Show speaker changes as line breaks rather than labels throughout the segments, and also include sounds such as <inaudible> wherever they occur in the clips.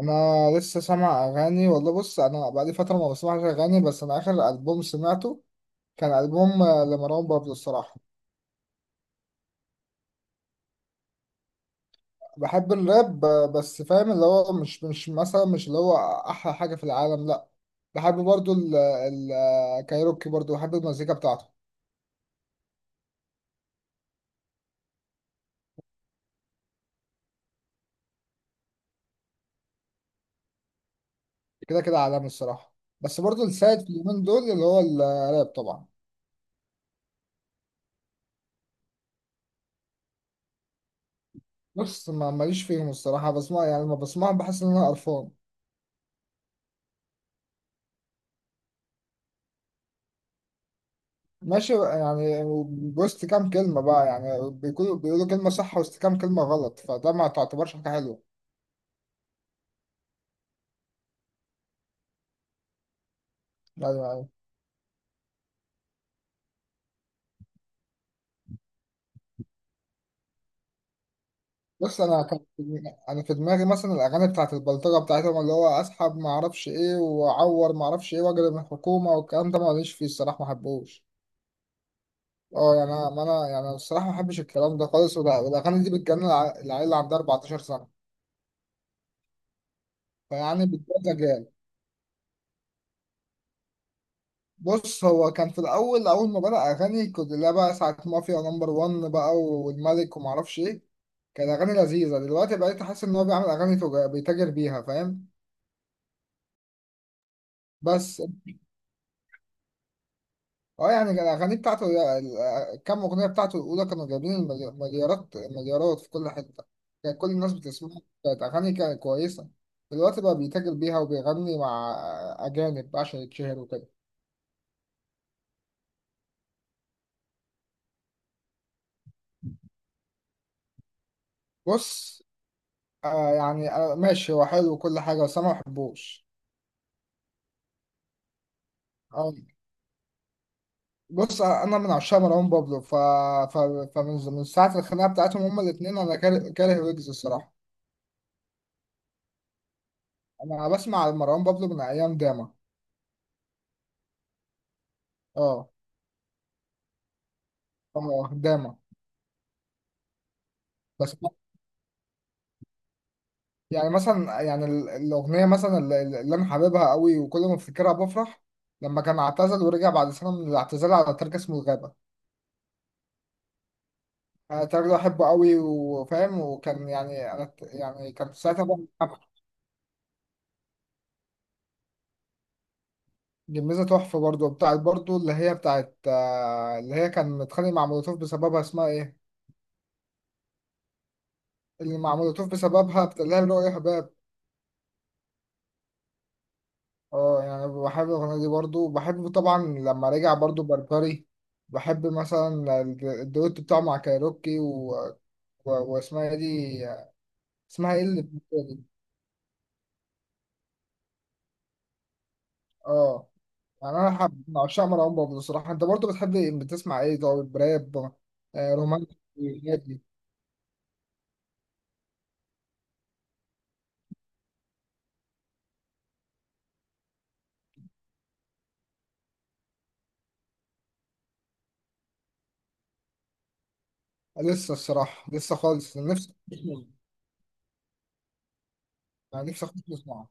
انا لسه سامع اغاني والله. بص، انا بقالي فتره ما بسمعش اغاني، بس انا اخر البوم سمعته كان البوم لمروان بابلو الصراحه. بحب الراب بس فاهم اللي هو مش مثلا مش اللي هو احلى حاجه في العالم، لا. بحب برضو الكايروكي، برضو بحب المزيكا بتاعته. كده كده عالمي الصراحه، بس برضو السائد في اليومين دول اللي هو الراب طبعا. بص ما ماليش فيهم الصراحه، بسمع يعني لما بسمعهم بحس ان انا قرفان. ماشي يعني، وسط كام كلمة بقى يعني بيقولوا كلمة صح وسط كام كلمة غلط، فده ما تعتبرش حاجة حلوة. يعني بص أنا كان، أنا في دماغي مثلا الأغاني بتاعت البلطجة بتاعتهم، اللي هو أسحب ما أعرفش إيه، وأعور ما أعرفش إيه، وأجري من الحكومة والكلام ده، ماليش فيه الصراحة، ما بحبوش. أه يعني أنا ما أنا يعني الصراحة ما بحبش الكلام ده خالص، والأغاني دي بتجنن العيال اللي عندها 14 سنة، فيعني بتبوظ أجيال. بص هو كان في الأول، أول ما بدأ أغاني كنت لا بقى ساعة مافيا نمبر وان بقى والملك ومعرفش إيه، كان أغاني لذيذة. دلوقتي بقيت أحس إن هو بيعمل أغاني بيتاجر بيها، فاهم. بس أه يعني كان الأغاني بتاعته، كام أغنية بتاعته الأولى كانوا جايبين مليارات مليارات في كل حتة، كان كل الناس بتسمعها، كانت أغاني كانت كويسة. دلوقتي بقى بيتاجر بيها وبيغني مع أجانب بقى عشان يتشهر وكده. بص، يعني ماشي، هو حلو وكل حاجة، بس أنا ما بحبوش. بص انا من عشاق مروان بابلو، فمن ساعه الخناقه بتاعتهم هما الاثنين انا كاره كاره ويجز الصراحه. انا بسمع مروان بابلو من ايام داما. اه اه داما. بس يعني مثلا يعني الاغنيه مثلا اللي انا حاببها قوي وكل ما افتكرها بفرح، لما كان اعتزل ورجع بعد سنه من الاعتزال على ترك اسمه الغابه. انا التراك ده بحبه قوي وفاهم، وكان يعني انا يعني كان ساعتها جميزة تحفة برضو، بتاعت برضو اللي هي بتاعت اللي هي كان متخانق مع مولوتوف بسببها، اسمها ايه؟ اللي مع مولوتوف بسببها بتاع اللي هي رؤيا حباب. اه يعني بحب الأغنية دي برضو، وبحب طبعا لما رجع برضو بربري. بحب مثلا الدويتو بتاعه مع كايروكي واسمها ايه دي، اسمها ايه اللي بتقولي؟ اه يعني انا حب من عشاق مروان بابلو الصراحة. انت برضو بتحب إيه؟ بتسمع ايه طيب، راب؟ رومانسي الحاجات دي. لسه الصراحة لسه خالص نفسي. انا نفسي اخد له صناعه.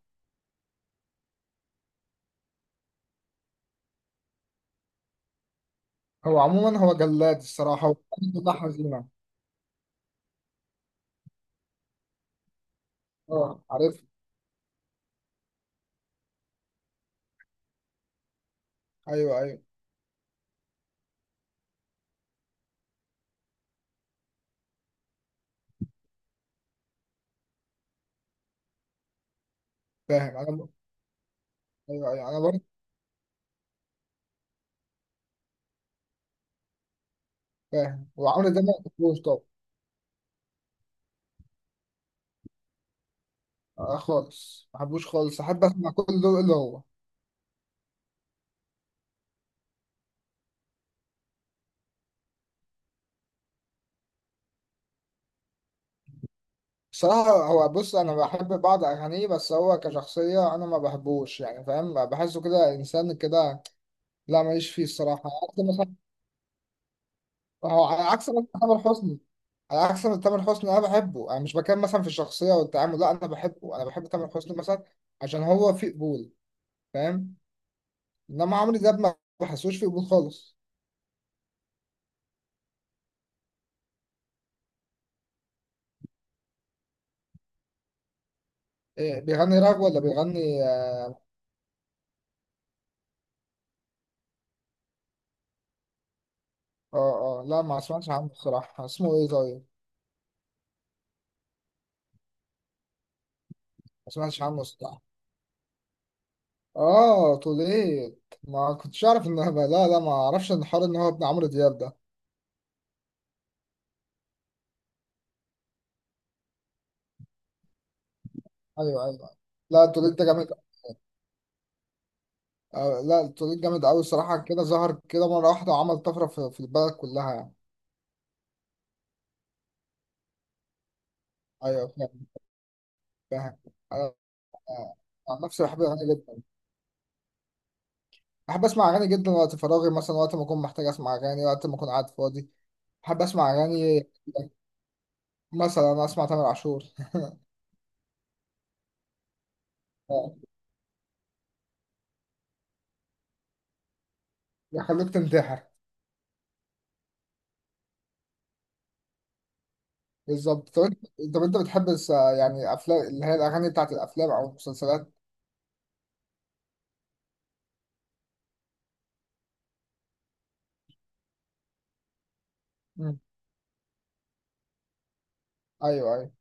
هو عموما هو جلاد الصراحه، هو بتاع حزينه. اه عارف. ايوه ايوه. فاهم انا ايوه ايوه، انا برضه فاهم. وعمرو ده ما بحبوش طبعا. آه خالص ما بحبوش خالص، احب اسمع كل دول اللي هو الصراحه. هو بص انا بحب بعض اغانيه، بس هو كشخصيه انا ما بحبوش يعني، فاهم، بحسه كده انسان كده، لا ماليش فيه الصراحه عكس مثلا. هو على عكس مثلا تامر حسني، على عكس إن تامر حسني انا بحبه، انا مش بتكلم مثلا في الشخصيه والتعامل، لا انا بحبه، انا بحب تامر حسني مثلا عشان هو في قبول، فاهم. انما عمرو دياب ما بحسوش في قبول خالص. إيه، بيغني راب ولا بيغني؟ اه اه، لا ما سمعتش عنه بصراحه، اسمه ايه طيب؟ ما سمعتش عنه الصراحه. اه طوليت، ما كنتش اعرف ان لا لا، ما اعرفش ان حوار ان هو ابن عمرو دياب ده. ايوه ايوه، لا طوليت ده جامد. آه لا، طوليت جامد قوي الصراحه، كده ظهر كده مره واحده وعمل طفره في البلد كلها يعني. ايوه. فاهم انا، آه، عن نفسي بحب الاغاني جدا، بحب اسمع اغاني جدا وقت فراغي مثلا، وقت ما اكون محتاج اسمع اغاني، وقت ما اكون قاعد فاضي بحب اسمع اغاني. مثلا اسمع تامر عاشور. <laughs> آه، يخليك تنتحر. بالظبط. طب انت طب انت بتحب يعني افلام، اللي هي الاغاني بتاعت الافلام او المسلسلات؟ مم. ايوه ايوه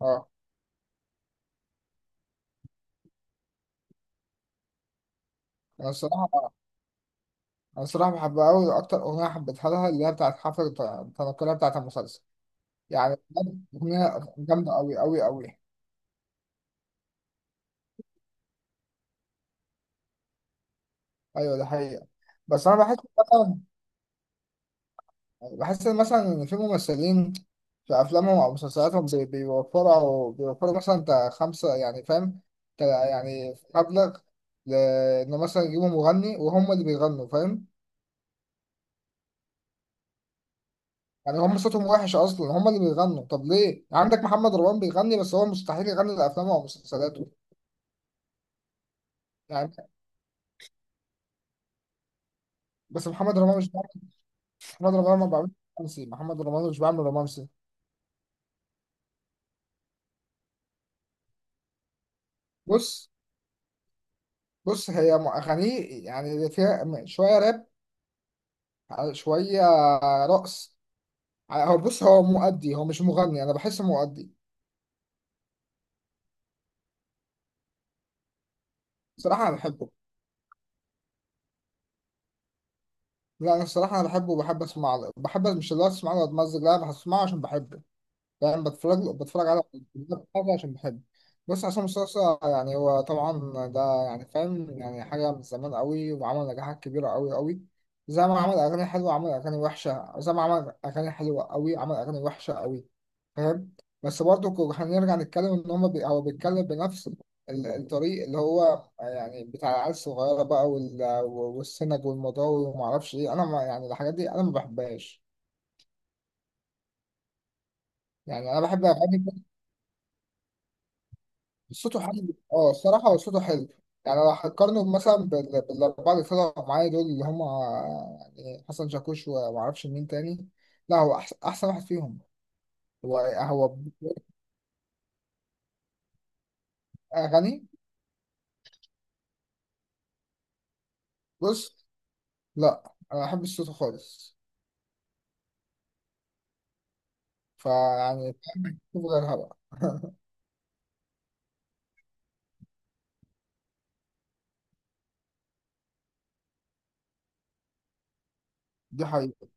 اه. انا الصراحه، انا الصراحه بحبها قوي، اكتر اغنيه حبيتها لها اللي هي بتاعت حفله تنقلها بتاعت المسلسل، يعني بجد اغنيه جامده قوي قوي قوي. ايوه ده حقيقه. بس انا بحس، بحس ان مثلا في ممثلين في افلامهم او مسلسلاتهم بيوفروا مثلا تا خمسه يعني، فاهم، تا يعني مبلغ، لانه مثلا يجيبوا مغني وهم اللي بيغنوا، فاهم، يعني هم صوتهم وحش اصلا هم اللي بيغنوا، طب ليه؟ يعني عندك محمد رمضان بيغني بس هو مستحيل يغني لافلامه او مسلسلاته يعني. بس محمد رمضان مش بيعمل، محمد رمضان ما بيعملش رومانسي، محمد رمضان مش بيعمل رومانسي. بص بص، هي اغانيه يعني فيها شويه راب شويه رقص. هو بص هو مؤدي، هو مش مغني، انا بحسه مؤدي. صراحه انا بحبه، لا انا الصراحه انا بحبه وبحب اسمع له، بحب مش اللي هو اسمع له اتمزج، لا انا هسمعه عشان بحبه. يعني بتفرج على حاجة عشان بحب. بص عصام صاصا يعني، هو طبعا ده يعني فاهم، يعني حاجة من زمان قوي وعمل نجاحات كبيرة قوي قوي. زي ما عمل أغاني حلوة عمل أغاني وحشة، زي ما عمل أغاني حلوة قوي عمل أغاني وحشة قوي، فاهم. بس برضه هنرجع نتكلم إن هما هو بيتكلم بنفس الطريق اللي هو، يعني بتاع العيال الصغيرة بقى، والسنج والمضاوي ومعرفش إيه، أنا ما يعني الحاجات دي أنا ما بحبهاش. يعني أنا بحب أغاني. صوته حلو، اه الصراحة هو صوته حلو. يعني لو هتقارنه مثلا بالأربعة اللي طلعوا معايا دول اللي هم، يعني حسن شاكوش ومعرفش مين تاني، لا هو أحسن واحد فيهم. هو أغاني بص. لا أنا ما بحبش صوته خالص، فيعني بحبه غيرها بقى. دي حقيقة،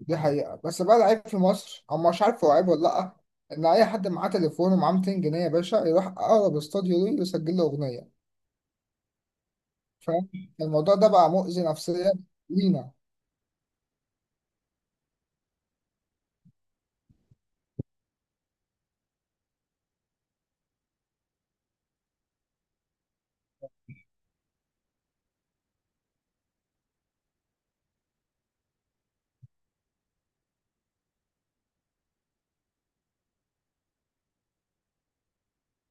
دي حقيقة، بس بقى العيب في مصر، أو مش عارف هو عيب ولا لأ، إن أي حد معاه تليفون ومعاه 200 جنيه يا باشا يروح أقرب استوديو ليه ويسجل له أغنية، فاهم. الموضوع ده بقى مؤذي نفسيا لينا.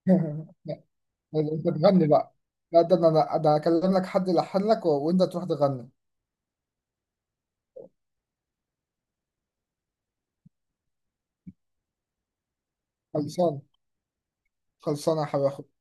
<laughs> طيب، انت تغني بقى؟ لا ده انا، لا ده اكلم لك حد يلحن لك وانت تروح تغني. خلصان، خلصان يا حبيبي.